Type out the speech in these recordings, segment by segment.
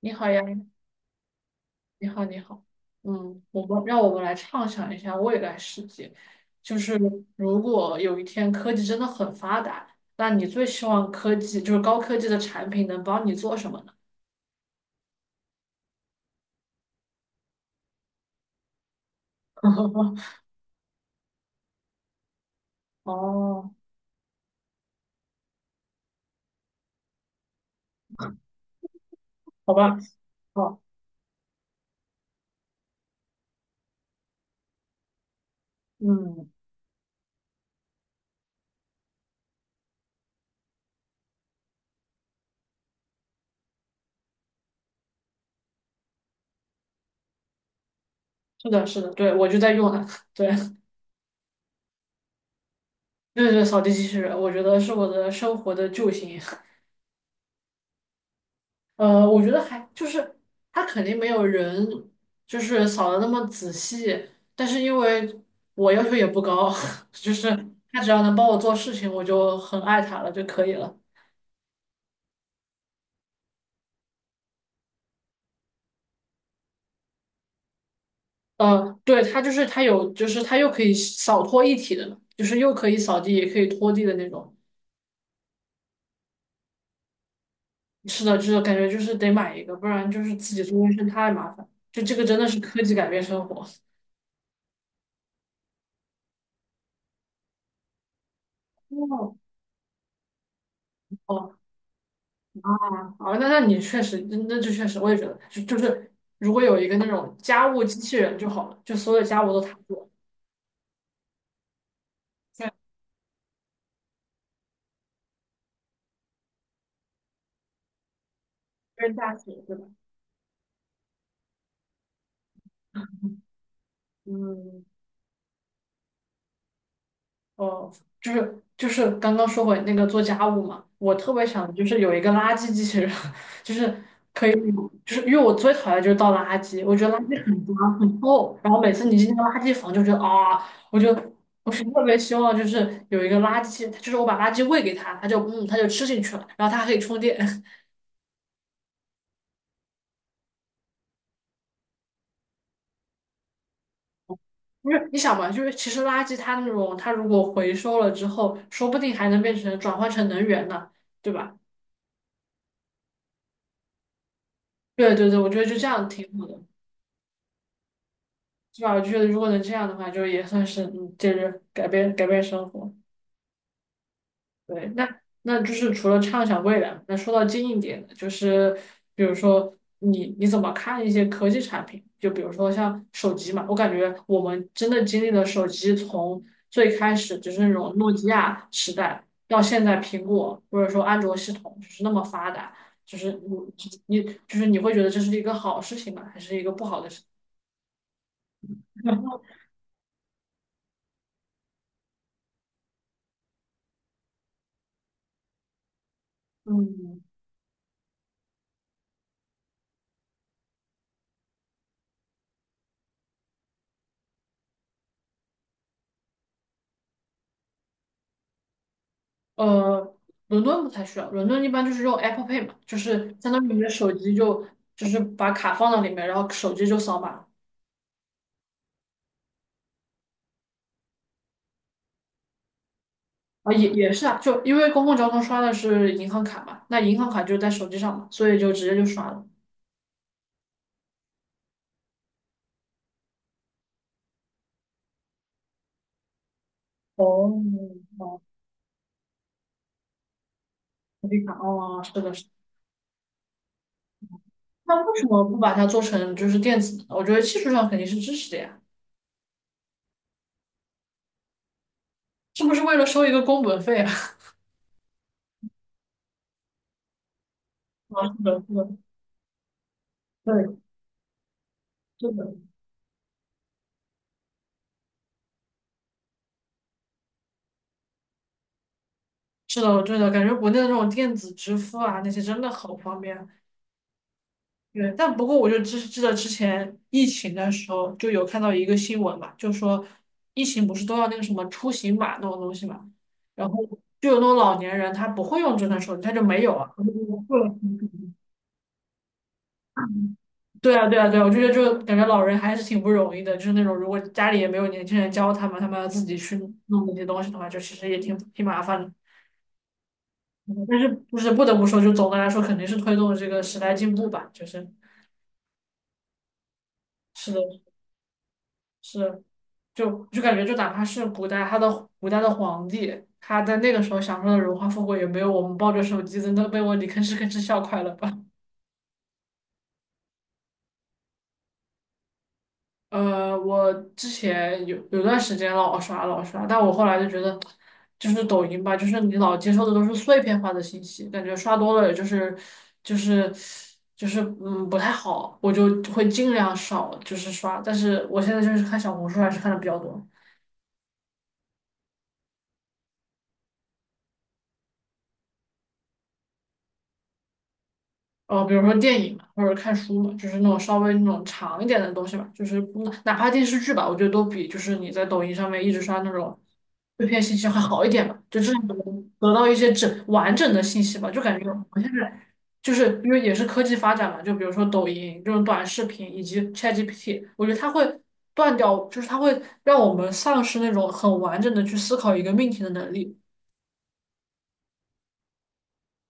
你好呀，你好，你好。让我们来畅想一下未来世界，就是如果有一天科技真的很发达，那你最希望科技就是高科技的产品能帮你做什么呢？哦，好吧，哦，嗯，是的，是的，对，我就在用它，对，对对，扫地机器人，我觉得是我的生活的救星。我觉得还就是他肯定没有人就是扫的那么仔细，但是因为我要求也不高，就是他只要能帮我做事情，我就很爱他了就可以了。对，他就是他有，就是他又可以扫拖一体的，就是又可以扫地也可以拖地的那种。是的，就是感觉就是得买一个，不然就是自己做卫生太麻烦。就这个真的是科技改变生活。哦啊哦，那你确实，那就确实，我也觉得，就是如果有一个那种家务机器人就好了，就所有家务都他做，虽然跟驾驶，对吧？嗯，哦，就是刚刚说回那个做家务嘛，我特别想就是有一个垃圾机器人，就是就是因为我最讨厌就是倒垃圾，我觉得垃圾很不够，然后每次你进那个垃圾房就觉得啊，我就我是特别希望就是有一个垃圾，就是我把垃圾喂给他，他就嗯他就吃进去了，然后他还可以充电。不是你想嘛，就是其实垃圾它那种，它如果回收了之后，说不定还能变成转换成能源呢，对吧？对对对，我觉得就这样挺好的，对吧？我觉得如果能这样的话，就也算是就是改变改变生活。对，那就是除了畅想未来，那说到近一点的，就是比如说你怎么看一些科技产品？就比如说像手机嘛，我感觉我们真的经历了手机从最开始就是那种诺基亚时代，到现在苹果或者说安卓系统就是那么发达，就是你会觉得这是一个好事情吗？还是一个不好的事情？嗯。呃，伦敦不太需要，伦敦一般就是用 Apple Pay 嘛，就是相当于你的手机就是把卡放到里面，然后手机就扫码啊，也是啊，就因为公共交通刷的是银行卡嘛，那银行卡就在手机上嘛，所以就直接就刷了。哦，哦，手机卡，哦，是的，是的。那为什么不把它做成就是电子呢我觉得技术上肯定是支持的呀，是不是为了收一个工本费啊？啊，是的，是的，对，是的，是的，对的，感觉国内的这种电子支付啊，那些真的好方便。对，但不过我就知记得之前疫情的时候就有看到一个新闻嘛，就说疫情不是都要那个什么出行码那种东西嘛，然后就有那种老年人他不会用智能手机，他就没有啊。对啊，对啊，对啊，我就觉得就感觉老人还是挺不容易的，就是那种如果家里也没有年轻人教他们，他们要自己去弄那些东西的话，就其实也挺麻烦的。嗯但是就是不得不说，就总的来说肯定是推动了这个时代进步吧，就是是的，是，就感觉，就哪怕是古代，他的古代的皇帝，他在那个时候享受的荣华富贵，也没有我们抱着手机在那被窝里吭哧吭哧笑快乐吧。我之前有段时间老刷老刷，但我后来就觉得，就是抖音吧，就是你老接受的都是碎片化的信息，感觉刷多了也就是就是不太好，我就会尽量少就是刷，但是我现在就是看小红书还是看的比较多。比如说电影嘛，或者看书嘛，就是那种稍微那种长一点的东西吧，就是不哪怕电视剧吧，我觉得都比就是你在抖音上面一直刷那种碎片信息会好一点吧，就至少能得到一些完整的信息吧，就感觉我现在就是因为也是科技发展嘛，就比如说抖音这种短视频以及 ChatGPT，我觉得它会断掉，就是它会让我们丧失那种很完整的去思考一个命题的能力。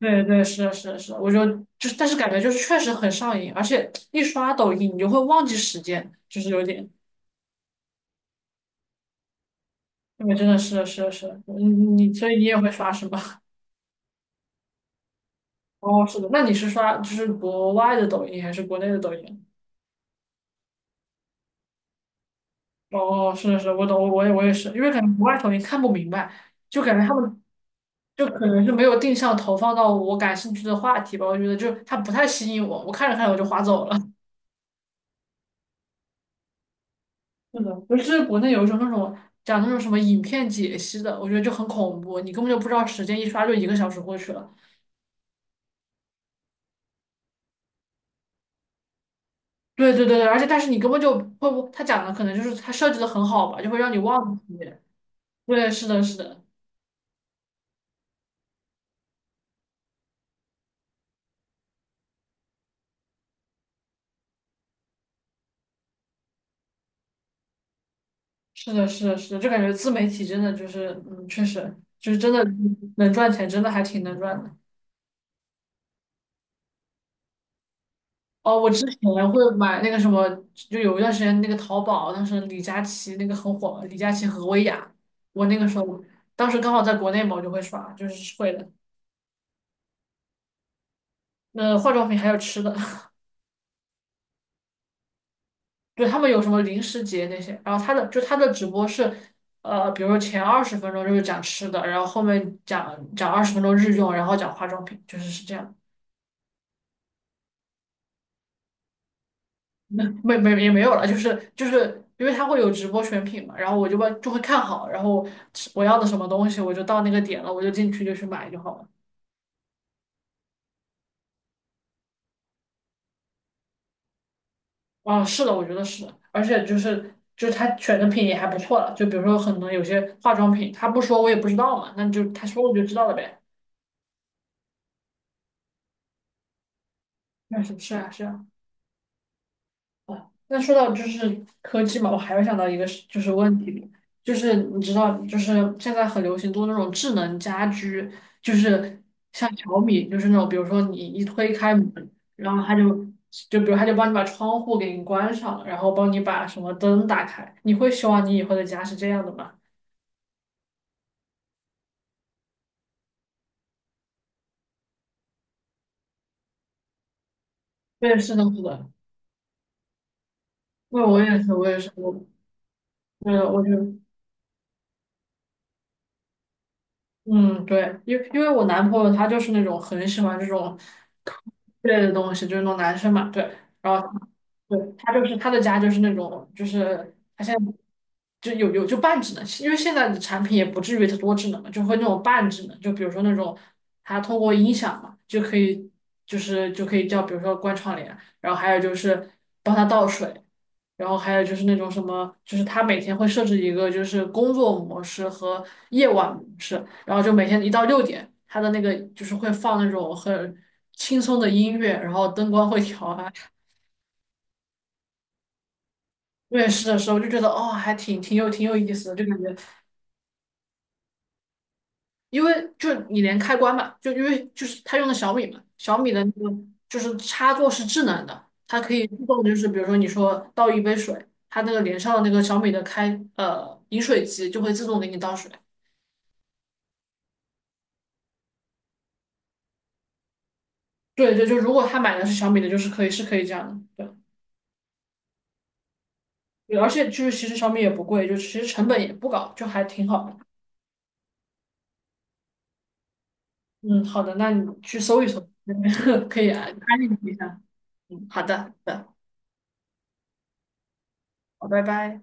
对对，是的，是的，是，我就是，但是感觉就是确实很上瘾，而且一刷抖音你就会忘记时间，就是有点，对，真的是是是，你所以你也会刷是吧？哦，是的，那你是刷就是国外的抖音还是国内的抖音？哦，是的是我懂，我也是，因为感觉国外抖音看不明白，就感觉他们就可能是没有定向投放到我感兴趣的话题吧，我觉得就它不太吸引我，我看着看着我就划走了。是的，不是国内有一种那种讲那种什么影片解析的，我觉得就很恐怖，你根本就不知道时间，一刷就一个小时过去了。对对对对，而且但是你根本就会不，他讲的可能就是他设计的很好吧，就会让你忘记。对，是的，是的，是的，是的，是的，就感觉自媒体真的就是，确实就是真的能赚钱，真的还挺能赚的。哦，我之前会买那个什么，就有一段时间那个淘宝，当时李佳琦那个很火，李佳琦和薇娅，我那个时候当时刚好在国内嘛，我就会刷，就是会的。那化妆品还有吃的，对他们有什么零食节那些，然后他的直播是，比如说前二十分钟就是讲吃的，然后后面讲讲二十分钟日用，然后讲化妆品，就是是这样。没也没有了，就是因为它会有直播选品嘛，然后我就会看好，然后我要的什么东西，我就到那个点了，我就进去就去买就好了。啊，是的，我觉得是的，而且就是他选的品也还不错了，就比如说可能有些化妆品，他不说我也不知道嘛，那就他说我就知道了呗。那是是啊是啊。哦，那说到就是科技嘛，我还会想到一个是就是问题，就是你知道，就是现在很流行做那种智能家居，就是像小米，就是那种比如说你一推开门，然后它就就比如它就帮你把窗户给你关上了然后帮你把什么灯打开。你会希望你以后的家是这样的吗？对，是的，是的，对，我也是，我也是，我对，我就嗯，对，因为我男朋友他就是那种很喜欢这种类的东西，就是那种男生嘛，对，然后对他就是他的家就是那种就是他现在就有就半智能，因为现在的产品也不至于多智能嘛，就会那种半智能，就比如说那种他通过音响嘛就可以叫比如说关窗帘，然后还有就是帮他倒水，然后还有就是那种什么，就是他每天会设置一个就是工作模式和夜晚模式，然后就每天一到6点，他的那个就是会放那种很轻松的音乐，然后灯光会调啊。面试的时候就觉得哦，还挺有意思的，就感觉因为就你连开关嘛，就因为就是他用的小米嘛，小米的那个就是插座是智能的，它可以自动就是比如说你说倒一杯水，它那个连上的那个小米的饮水机就会自动给你倒水。对对，就如果他买的是小米的，就是可以是可以这样的，对，对而且就是其实小米也不贵，就其实成本也不高，就还挺好的。嗯，好的，那你去搜一搜，可以啊安利你一下。嗯，好的，好的，好，拜拜。